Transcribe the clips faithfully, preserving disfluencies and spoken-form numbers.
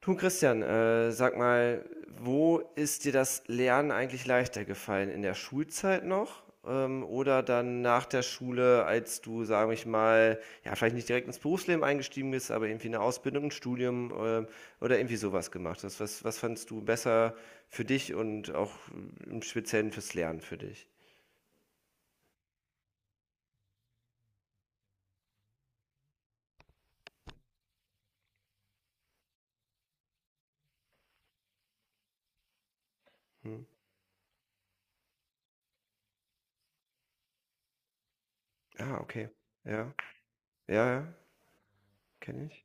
Du Christian, äh, sag mal, wo ist dir das Lernen eigentlich leichter gefallen? In der Schulzeit noch? Ähm, oder dann nach der Schule, als du, sag ich mal, ja, vielleicht nicht direkt ins Berufsleben eingestiegen bist, aber irgendwie eine Ausbildung, ein Studium, ähm, oder irgendwie sowas gemacht hast? Was, was fandst du besser für dich und auch im Speziellen fürs Lernen für dich? Hm. Ah, okay. Ja, ja, ja, kenne ich.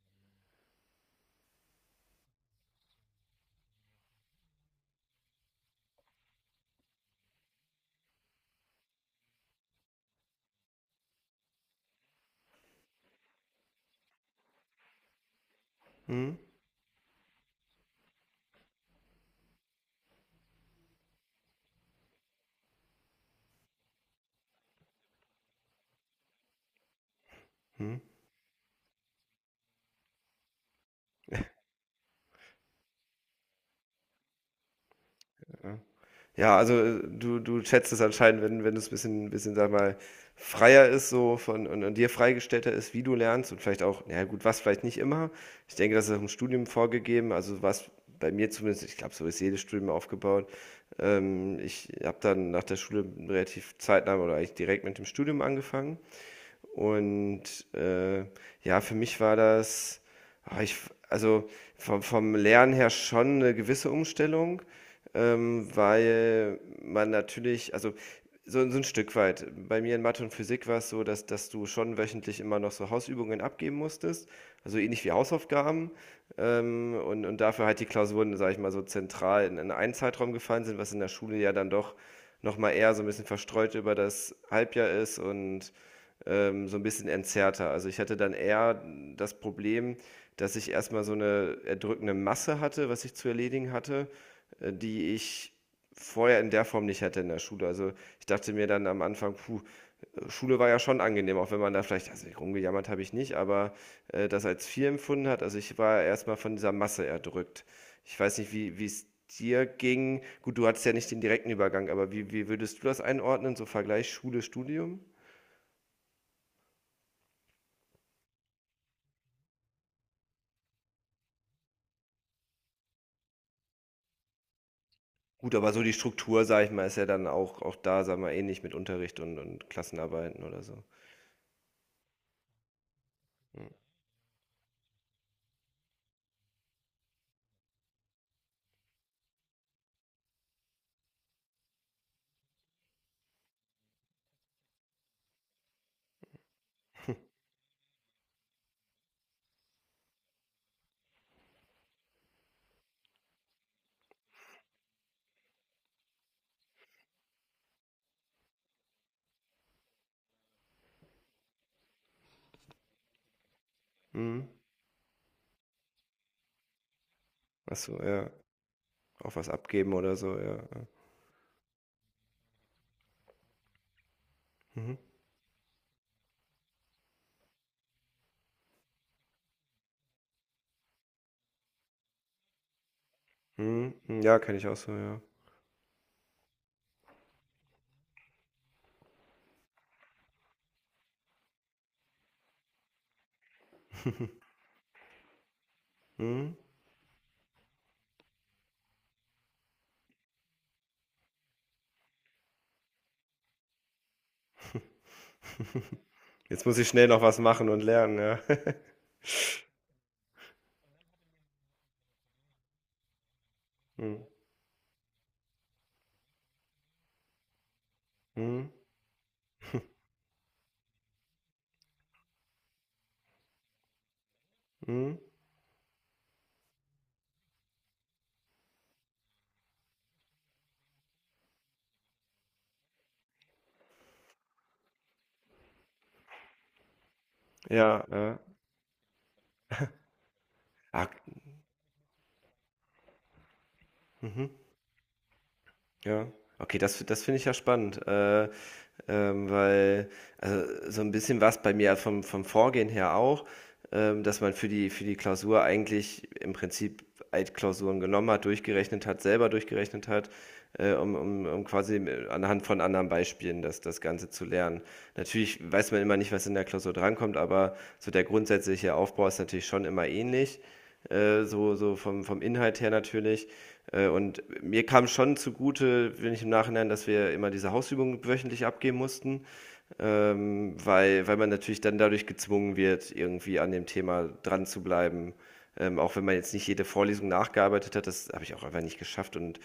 Hm. Hm. Ja, also äh, du, du schätzt es anscheinend, wenn, wenn es ein bisschen, bisschen, sag mal, freier ist so von, und, und dir freigestellter ist, wie du lernst und vielleicht auch, naja gut, was vielleicht nicht immer. Ich denke, das ist auch im Studium vorgegeben, also was bei mir zumindest, ich glaube, so ist jedes Studium aufgebaut. Ähm, ich habe dann nach der Schule relativ zeitnah oder eigentlich direkt mit dem Studium angefangen und äh, ja, für mich war das, ah, ich, also vom, vom Lernen her schon eine gewisse Umstellung, ähm, weil man natürlich, also so, so ein Stück weit, bei mir in Mathe und Physik war es so, dass, dass du schon wöchentlich immer noch so Hausübungen abgeben musstest, also ähnlich wie Hausaufgaben. Ähm, und, und dafür halt die Klausuren, sage ich mal, so zentral in, in einen Zeitraum gefallen sind, was in der Schule ja dann doch nochmal eher so ein bisschen verstreut über das Halbjahr ist und ähm, so ein bisschen entzerrter. Also, ich hatte dann eher das Problem, dass ich erst mal so eine erdrückende Masse hatte, was ich zu erledigen hatte, äh, die ich vorher in der Form nicht hatte in der Schule. Also, ich dachte mir dann am Anfang: „Puh, äh, Schule war ja schon angenehm", auch wenn man da vielleicht also, rumgejammert habe ich nicht, aber, äh, das als viel empfunden hat. Also, ich war erst mal von dieser Masse erdrückt. Ich weiß nicht, wie wie es dir ging. Gut, du hattest ja nicht den direkten Übergang, aber wie wie würdest du das einordnen, so Vergleich Schule, Studium? Gut, aber so die Struktur, sag ich mal, ist ja dann auch auch da, sag mal, ähnlich mit Unterricht und und Klassenarbeiten oder so. Mhm. Mhm. Ach so, ja. Auch was abgeben oder so, ja, ja. Mhm. Mhm. Hm, ja, kenne ich auch so, ja. Mhm. Jetzt muss ich schnell noch was machen und lernen, ja. Mhm. Mhm. Mhm. Ja, ja. Ah, mhm. Ja. Okay, das das finde ich ja spannend, äh, ähm, weil also so ein bisschen war's bei mir also vom vom Vorgehen her auch, ähm, dass man für die, für die Klausur eigentlich im Prinzip Altklausuren genommen hat, durchgerechnet hat, selber durchgerechnet hat, äh, um, um, um quasi äh, anhand von anderen Beispielen das, das Ganze zu lernen. Natürlich weiß man immer nicht, was in der Klausur drankommt, aber so der grundsätzliche Aufbau ist natürlich schon immer ähnlich, äh, so, so vom, vom Inhalt her natürlich. Äh, Und mir kam schon zugute, wenn ich im Nachhinein, dass wir immer diese Hausübungen wöchentlich abgeben mussten ähm, weil, weil man natürlich dann dadurch gezwungen wird, irgendwie an dem Thema dran zu bleiben. Ähm, auch wenn man jetzt nicht jede Vorlesung nachgearbeitet hat, das habe ich auch einfach nicht geschafft und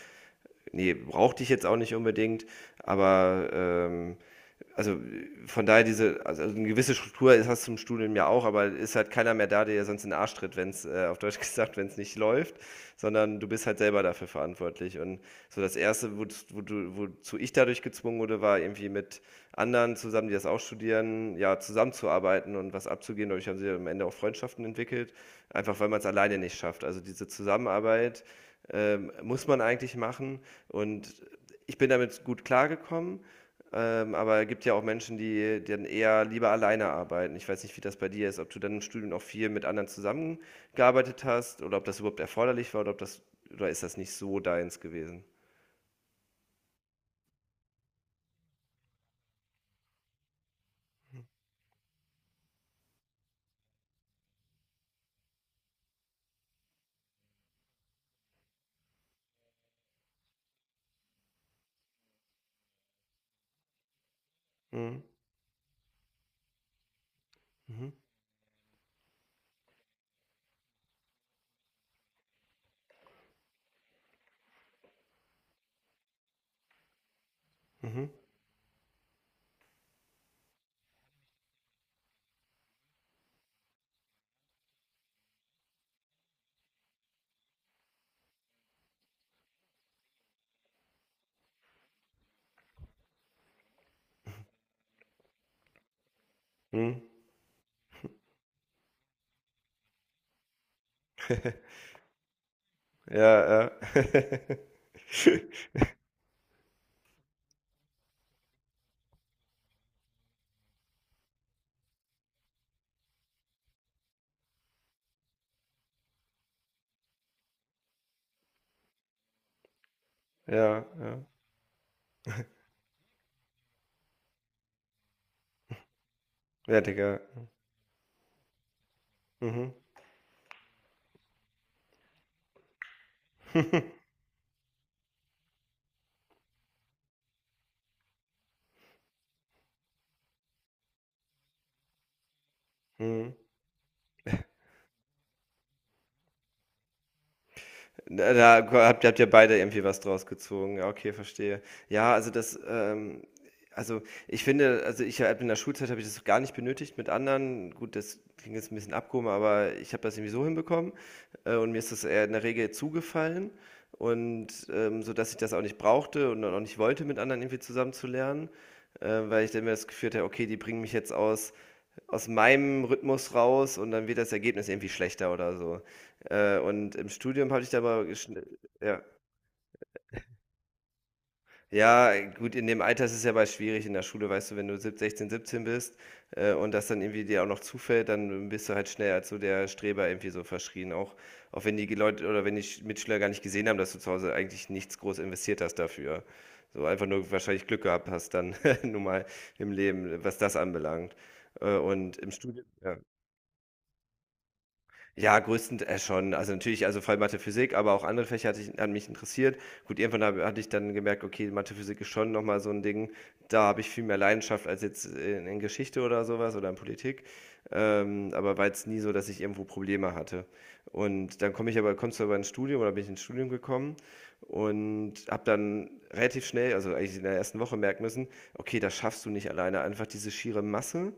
nee, brauchte ich jetzt auch nicht unbedingt, aber ähm, also, von daher diese also, also, eine gewisse Struktur ist hast du im Studium ja auch, aber ist halt keiner mehr da, der dir sonst in den Arsch tritt, wenn's äh, auf Deutsch gesagt, wenn es nicht läuft, sondern du bist halt selber dafür verantwortlich. Und so das erste, woz wo du wozu ich dadurch gezwungen wurde, war irgendwie mit anderen zusammen, die das auch studieren, ja, zusammenzuarbeiten und was abzugehen. Dadurch haben sie am Ende auch Freundschaften entwickelt, einfach weil man es alleine nicht schafft. Also, diese Zusammenarbeit, ähm, muss man eigentlich machen und ich bin damit gut klargekommen. Ähm, aber es gibt ja auch Menschen, die die dann eher lieber alleine arbeiten. Ich weiß nicht, wie das bei dir ist, ob du dann im Studium auch viel mit anderen zusammengearbeitet hast oder ob das überhaupt erforderlich war oder ob das oder ist das nicht so deins gewesen? Mhm. Mhm. Mhm. Mhm. Ja, ja. Ja, ja. Ja, Digga. Mhm. Mhm. Da da habt habt ihr beide irgendwie was draus gezogen. Ja, okay, verstehe. Ja, also das, ähm also ich finde, also ich habe in der Schulzeit habe ich das gar nicht benötigt mit anderen. Gut, das klingt jetzt ein bisschen abgehoben, aber ich habe das irgendwie so hinbekommen, äh, und mir ist das eher in der Regel zugefallen und, ähm, so, dass ich das auch nicht brauchte und dann auch nicht wollte, mit anderen irgendwie zusammen zu lernen, äh, weil ich dann mir das Gefühl hatte: „Okay, die bringen mich jetzt aus aus meinem Rhythmus raus und dann wird das Ergebnis irgendwie schlechter oder so. Äh, und im Studium habe ich da aber geschn- ja. Ja, gut, in dem Alter ist es ja mal schwierig in der Schule, weißt du, wenn du sieb- sechzehn, siebzehn bist äh, und das dann irgendwie dir auch noch zufällt, dann bist du halt schnell als so der Streber irgendwie so verschrien. Auch, auch wenn die Leute oder wenn die Sch- Mitschüler gar nicht gesehen haben, dass du zu Hause eigentlich nichts groß investiert hast dafür. So einfach nur wahrscheinlich Glück gehabt hast dann nun mal im Leben, was das anbelangt. Äh, und im Studium, ja. Ja, größten äh, schon. Also natürlich, also vor allem Mathe, Physik, aber auch andere Fächer hatte ich, hat mich interessiert. Gut, irgendwann hab, hatte ich dann gemerkt, okay, Mathe, Physik ist schon nochmal so ein Ding. Da habe ich viel mehr Leidenschaft als jetzt in, in Geschichte oder sowas oder in Politik. Ähm, aber war jetzt nie so, dass ich irgendwo Probleme hatte. Und dann komme ich aber, kommst du aber ins Studium oder bin ich ins Studium gekommen und habe dann relativ schnell, also eigentlich in der ersten Woche merken müssen, okay, das schaffst du nicht alleine. Einfach diese schiere Masse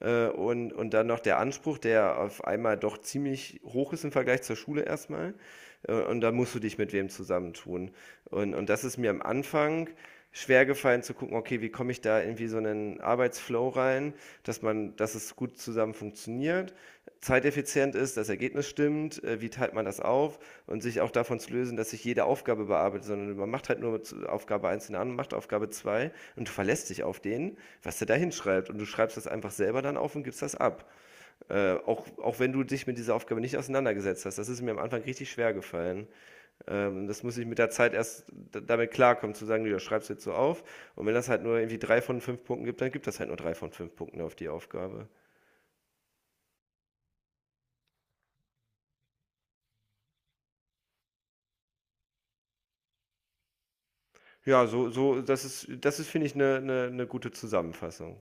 äh, und, und dann noch der Anspruch, der auf einmal doch ziemlich hoch ist im Vergleich zur Schule erstmal äh, und da musst du dich mit wem zusammentun. Und, und das ist mir am Anfang schwer gefallen zu gucken, okay, wie komme ich da irgendwie so einen Arbeitsflow rein, dass man, dass es gut zusammen funktioniert, zeiteffizient ist, das Ergebnis stimmt, äh, wie teilt man das auf und sich auch davon zu lösen, dass sich jede Aufgabe bearbeitet, sondern man macht halt nur Aufgabe eins, an, macht Aufgabe zwei und du verlässt dich auf den, was der da hinschreibt und du schreibst das einfach selber dann auf und gibst das ab. Äh, auch, auch wenn du dich mit dieser Aufgabe nicht auseinandergesetzt hast. Das ist mir am Anfang richtig schwer gefallen. Ähm, das muss ich mit der Zeit erst d- damit klarkommen, zu sagen, du schreibst jetzt so auf. Und wenn das halt nur irgendwie drei von fünf Punkten gibt, dann gibt das halt nur drei von fünf Punkten auf die Aufgabe. Ja, so, so, das ist, das ist, finde ich, eine, eine, eine gute Zusammenfassung.